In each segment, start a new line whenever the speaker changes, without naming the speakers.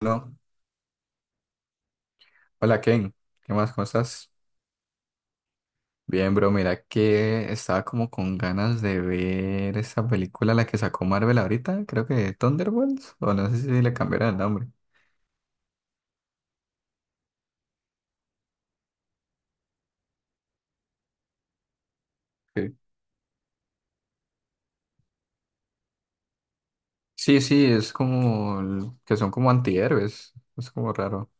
No. Hola Ken, ¿qué más? ¿Cómo estás? Bien, bro, mira que estaba como con ganas de ver esa película, la que sacó Marvel ahorita, creo que Thunderbolts, o no sé si le cambiaron el nombre. Sí, sí, es como que son como antihéroes, es como raro.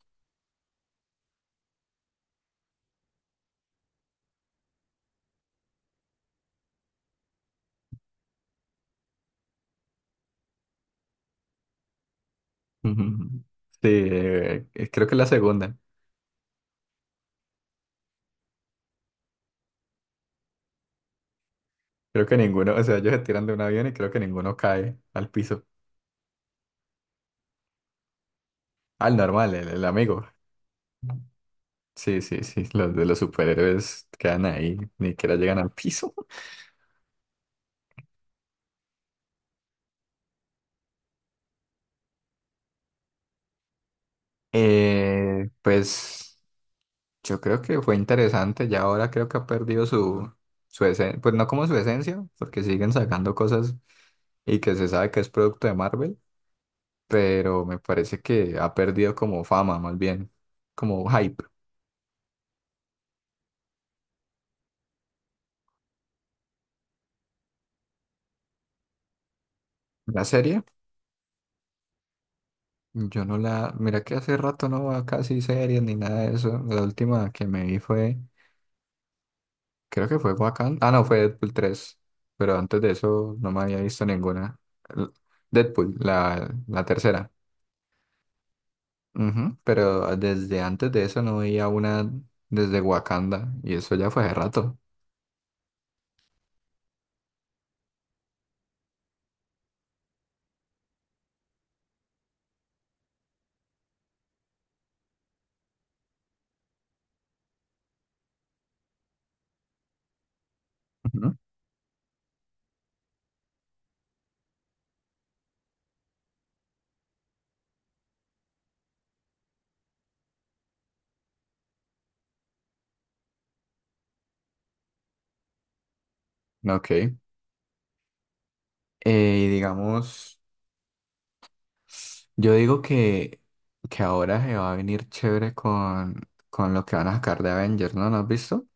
Ujú. Sí, creo que es la segunda, creo que ninguno, o sea, ellos se tiran de un avión y creo que ninguno cae al piso. Al normal, el amigo. Sí, los de los superhéroes quedan ahí, ni siquiera llegan al piso. Pues yo creo que fue interesante, ya ahora creo que ha perdido su esencia, pues no como su esencia, porque siguen sacando cosas y que se sabe que es producto de Marvel, pero me parece que ha perdido como fama, más bien, como hype. La serie, yo no la, mira que hace rato no va casi series ni nada de eso, la última que me vi creo que fue Wakanda, ah no, fue Deadpool 3 pero antes de eso no me había visto ninguna. L- Deadpool, la tercera. Ujú. Pero ah, desde antes de eso no veía una desde Wakanda y eso ya fue hace rato. Ujú. Ok. Y digamos, yo digo que ahora se va a venir chévere con lo que van a sacar de Avengers, ¿no? ¿No has visto?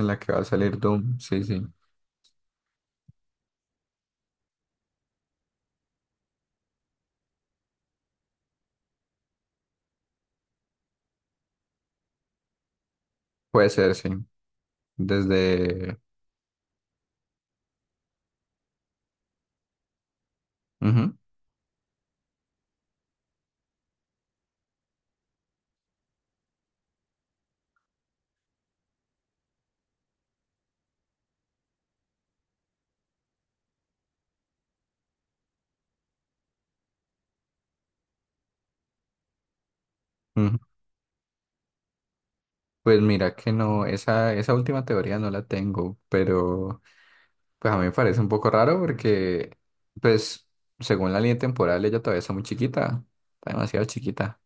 En la que va a salir Doom, sí, sí. Puede ser, sí. Desde... Ujú, ujú. Pues mira que no, esa última teoría no la tengo, pero... Pues a mí me parece un poco raro porque, pues, según la línea temporal, ella todavía está muy chiquita, está demasiado chiquita.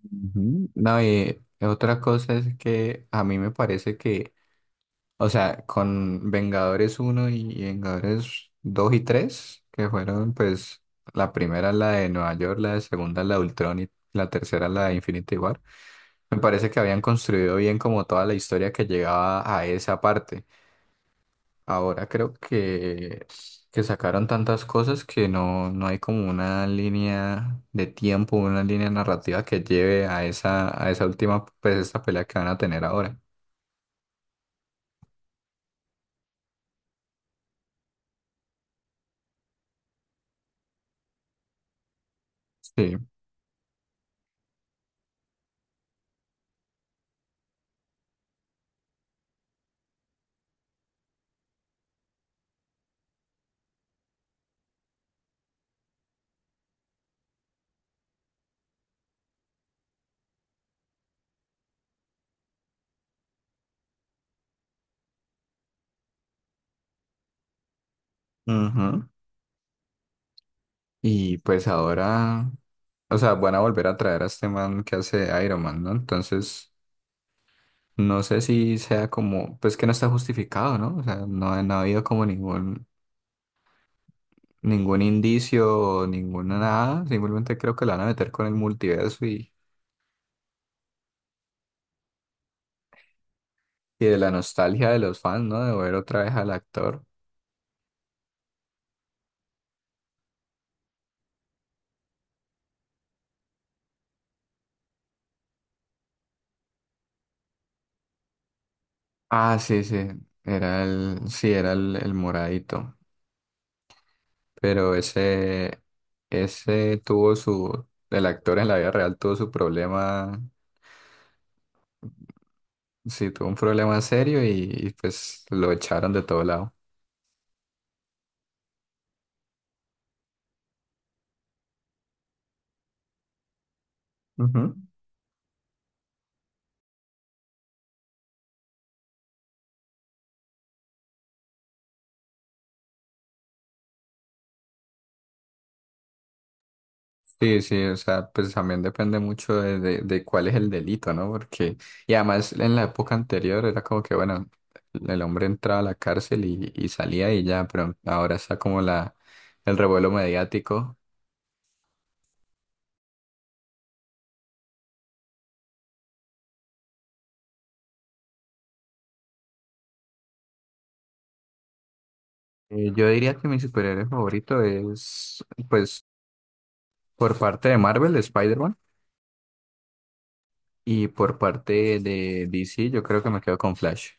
Ujú. No, y otra cosa es que a mí me parece que, o sea, con Vengadores uno y Vengadores 2 y 3 que fueron, pues, la primera la de Nueva York, la de segunda la de Ultron y la tercera la de Infinity War, me parece que habían construido bien como toda la historia que llegaba a esa parte. Ahora creo que sacaron tantas cosas que no hay como una línea de tiempo, una línea narrativa que lleve a esa última, pues esta pelea que van a tener ahora. Sí. Ujú. Y pues ahora, o sea, van a volver a traer a este man que hace Iron Man, ¿no? Entonces, no sé si sea como, pues que no está justificado, ¿no? O sea, no ha habido como ningún, ningún indicio, o ninguna nada. Simplemente creo que la van a meter con el multiverso y de la nostalgia de los fans, ¿no? De ver otra vez al actor. Ah, sí, sí. Era sí, era el moradito. Pero ese tuvo su, el actor en la vida real tuvo su problema, sí, tuvo un problema serio y pues lo echaron de todo lado. Sí, sí, o sea, pues también depende mucho de cuál es el delito, ¿no? Porque, y además en la época anterior era como que, bueno, el hombre entraba a la cárcel y salía y ya, pero ahora está como el revuelo mediático. Yo diría que mi superhéroe favorito es, pues, por parte de Marvel, Spider-Man, y por parte de DC, yo creo que me quedo con Flash.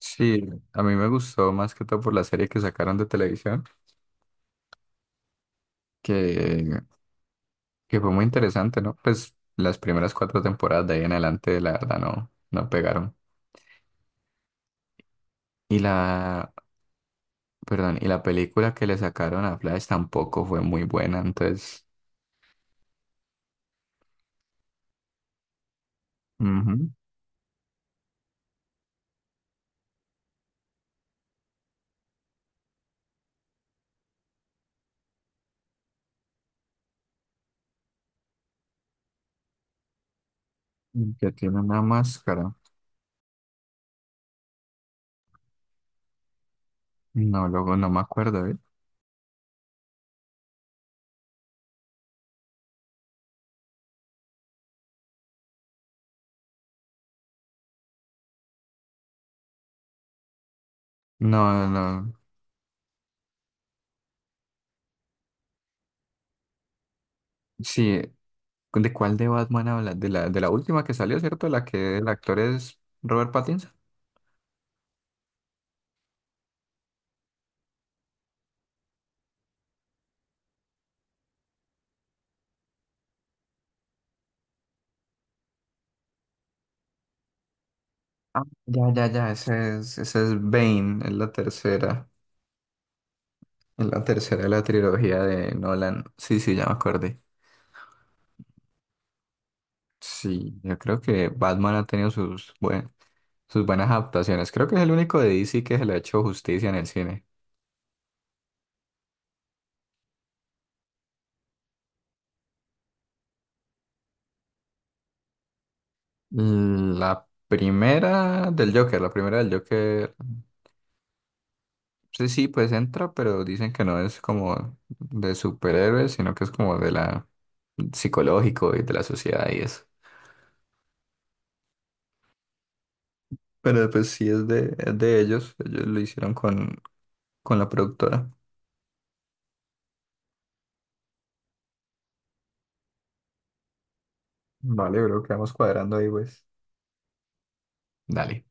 Sí, a mí me gustó más que todo por la serie que sacaron de televisión, que Que fue muy interesante, ¿no? Pues las primeras cuatro temporadas de ahí en adelante, la verdad, no pegaron. Y perdón, y la película que le sacaron a Flash tampoco fue muy buena, entonces... Ujú, y que tiene una máscara. No, luego no me acuerdo, ¿eh? No, no. Sí, ¿de cuál de Batman hablas? De de la última que salió, ¿cierto? La que el actor es Robert Pattinson. Ah, ya, ya, ya, ese es Bane, es la tercera. Es la tercera de la trilogía de Nolan. Sí, sí, ya me acordé. Sí, yo creo que Batman ha tenido sus, sus buenas adaptaciones. Creo que es el único de DC que se le ha hecho justicia en el cine. Mm, la primera del Joker, sí, sí, pues entra, pero dicen que no es como de superhéroes, sino que es como de la psicológico y de la sociedad y eso. Pero pues sí es de ellos, ellos lo hicieron con la productora. Vale, creo que vamos cuadrando ahí, pues. Dale.